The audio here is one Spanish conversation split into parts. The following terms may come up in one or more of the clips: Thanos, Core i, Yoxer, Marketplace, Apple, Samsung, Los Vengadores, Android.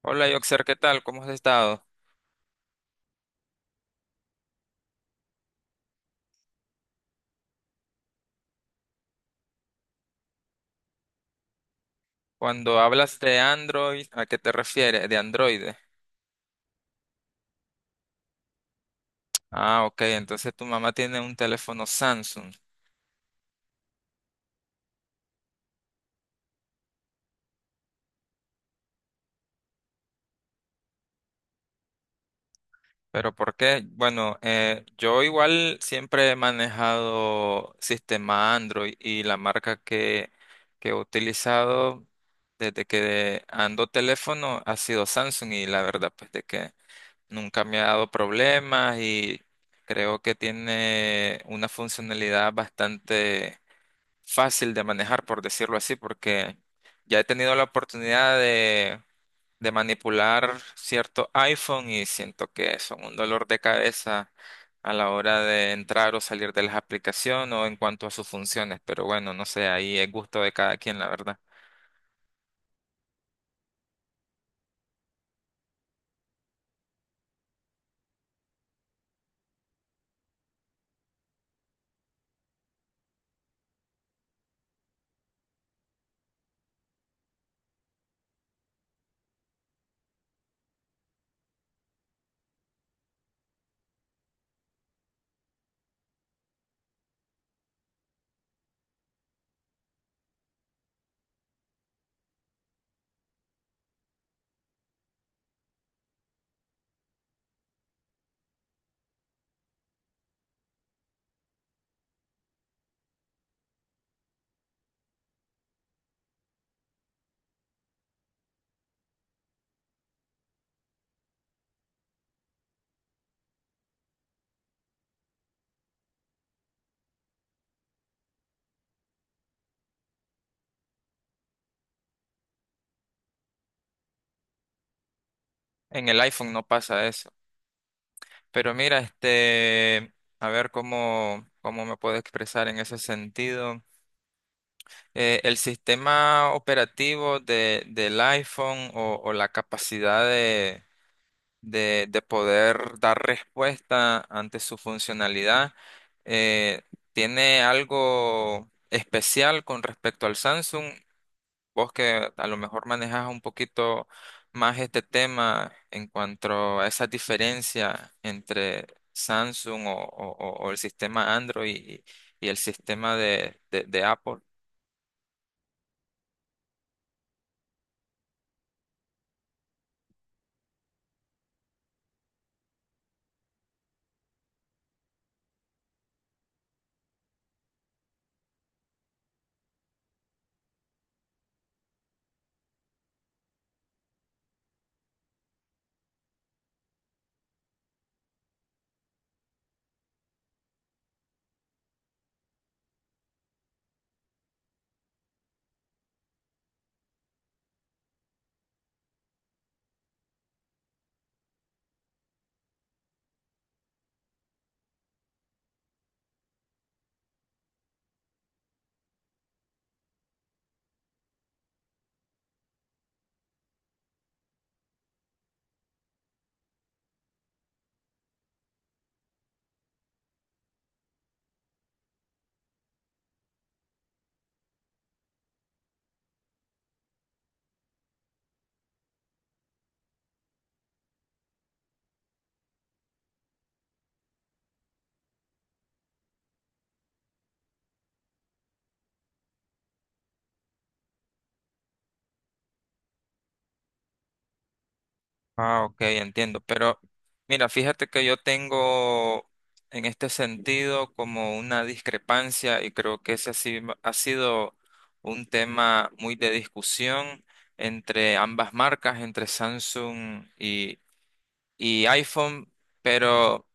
Hola, Yoxer, ¿qué tal? ¿Cómo has estado? Cuando hablas de Android, ¿a qué te refieres? De Android. Ah, ok, entonces tu mamá tiene un teléfono Samsung. ¿Pero por qué? Bueno, yo igual siempre he manejado sistema Android y la marca que he utilizado desde que ando teléfono ha sido Samsung y la verdad pues de que nunca me ha dado problemas y creo que tiene una funcionalidad bastante fácil de manejar, por decirlo así, porque ya he tenido la oportunidad de manipular cierto iPhone y siento que son un dolor de cabeza a la hora de entrar o salir de las aplicaciones o en cuanto a sus funciones, pero bueno, no sé, ahí es gusto de cada quien, la verdad. En el iPhone no pasa eso. Pero mira, este, a ver cómo me puedo expresar en ese sentido. El sistema operativo del iPhone o la capacidad de poder dar respuesta ante su funcionalidad eh, tiene algo especial con respecto al Samsung. Vos que a lo mejor manejas un poquito más este tema en cuanto a esa diferencia entre Samsung o el sistema Android y el sistema de Apple. Ah, ok, entiendo. Pero mira, fíjate que yo tengo en este sentido como una discrepancia y creo que ese ha si- ha sido un tema muy de discusión entre ambas marcas, entre Samsung y iPhone, pero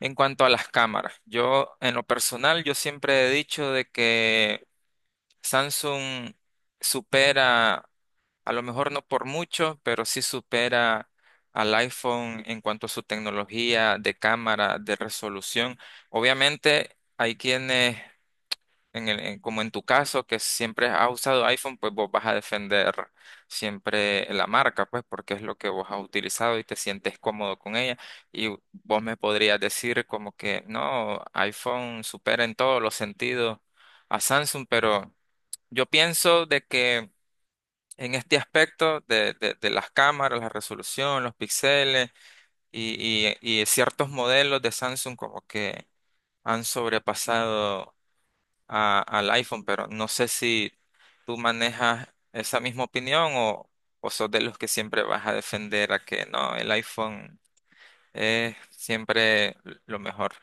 en cuanto a las cámaras, yo en lo personal, yo siempre he dicho de que Samsung supera a lo mejor no por mucho, pero sí supera al iPhone en cuanto a su tecnología de cámara, de resolución. Obviamente, hay quienes, como en tu caso, que siempre has usado iPhone, pues vos vas a defender siempre la marca, pues porque es lo que vos has utilizado y te sientes cómodo con ella. Y vos me podrías decir como que no, iPhone supera en todos los sentidos a Samsung, pero yo pienso de que en este aspecto de las cámaras, la resolución, los píxeles y ciertos modelos de Samsung como que han sobrepasado al iPhone, pero no sé si tú manejas esa misma opinión o sos de los que siempre vas a defender a que no, el iPhone es siempre lo mejor.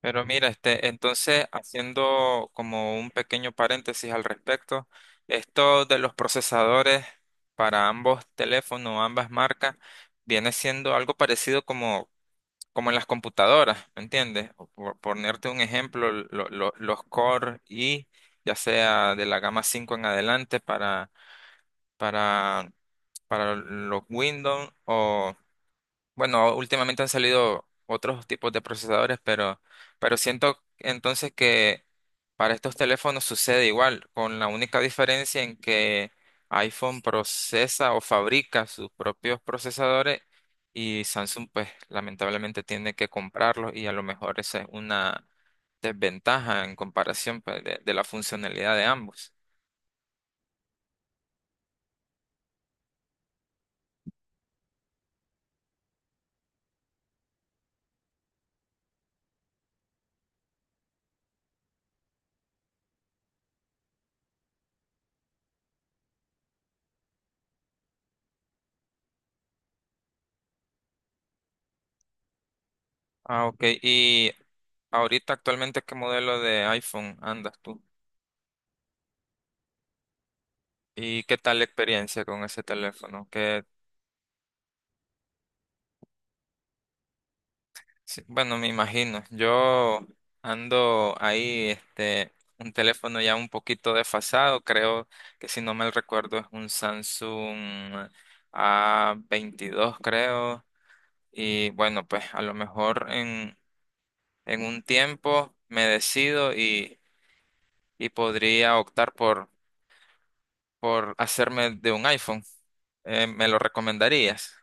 Pero mira, este, entonces, haciendo como un pequeño paréntesis al respecto, esto de los procesadores para ambos teléfonos, ambas marcas, viene siendo algo parecido como en las computadoras, ¿me entiendes? O por, ponerte un ejemplo, los Core i, ya sea de la gama 5 en adelante para, para los Windows, bueno, últimamente han salido otros tipos de procesadores, pero siento entonces que para estos teléfonos sucede igual, con la única diferencia en que iPhone procesa o fabrica sus propios procesadores y Samsung pues lamentablemente tiene que comprarlos y a lo mejor esa es una desventaja en comparación pues, de la funcionalidad de ambos. Ah, ok. ¿Y ahorita actualmente qué modelo de iPhone andas tú? ¿Y qué tal la experiencia con ese teléfono? Que, sí, bueno, me imagino. Yo ando ahí, este, un teléfono ya un poquito desfasado. Creo que si no mal recuerdo es un Samsung A22, creo. Y bueno, pues a lo mejor en un tiempo me decido y podría optar por hacerme de un iPhone. ¿Me lo recomendarías?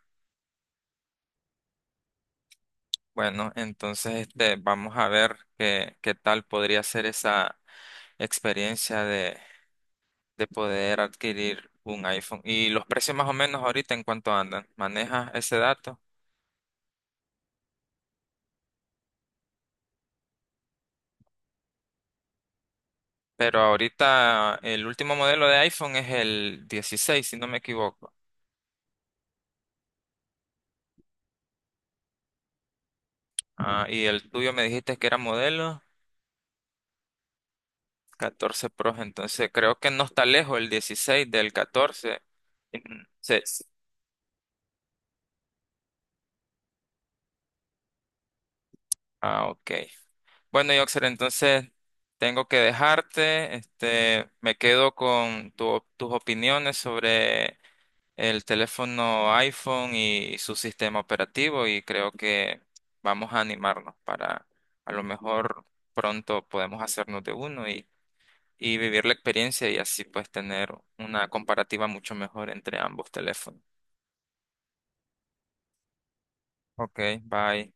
Bueno, entonces este, vamos a ver qué tal podría ser esa experiencia de poder adquirir un iPhone. Y los precios más o menos ahorita en cuánto andan. ¿Manejas ese dato? Pero ahorita el último modelo de iPhone es el 16, si no me equivoco. Ah, y el tuyo me dijiste que era modelo 14 Pro, entonces creo que no está lejos el 16 del 14. Ujú. Sí. Sí. Ah, ok. Bueno, Yoxer, entonces tengo que dejarte. Este, me quedo con tus opiniones sobre el teléfono iPhone y su sistema operativo y creo que vamos a animarnos para a lo mejor pronto podemos hacernos de uno y vivir la experiencia y así pues tener una comparativa mucho mejor entre ambos teléfonos. Ok, bye.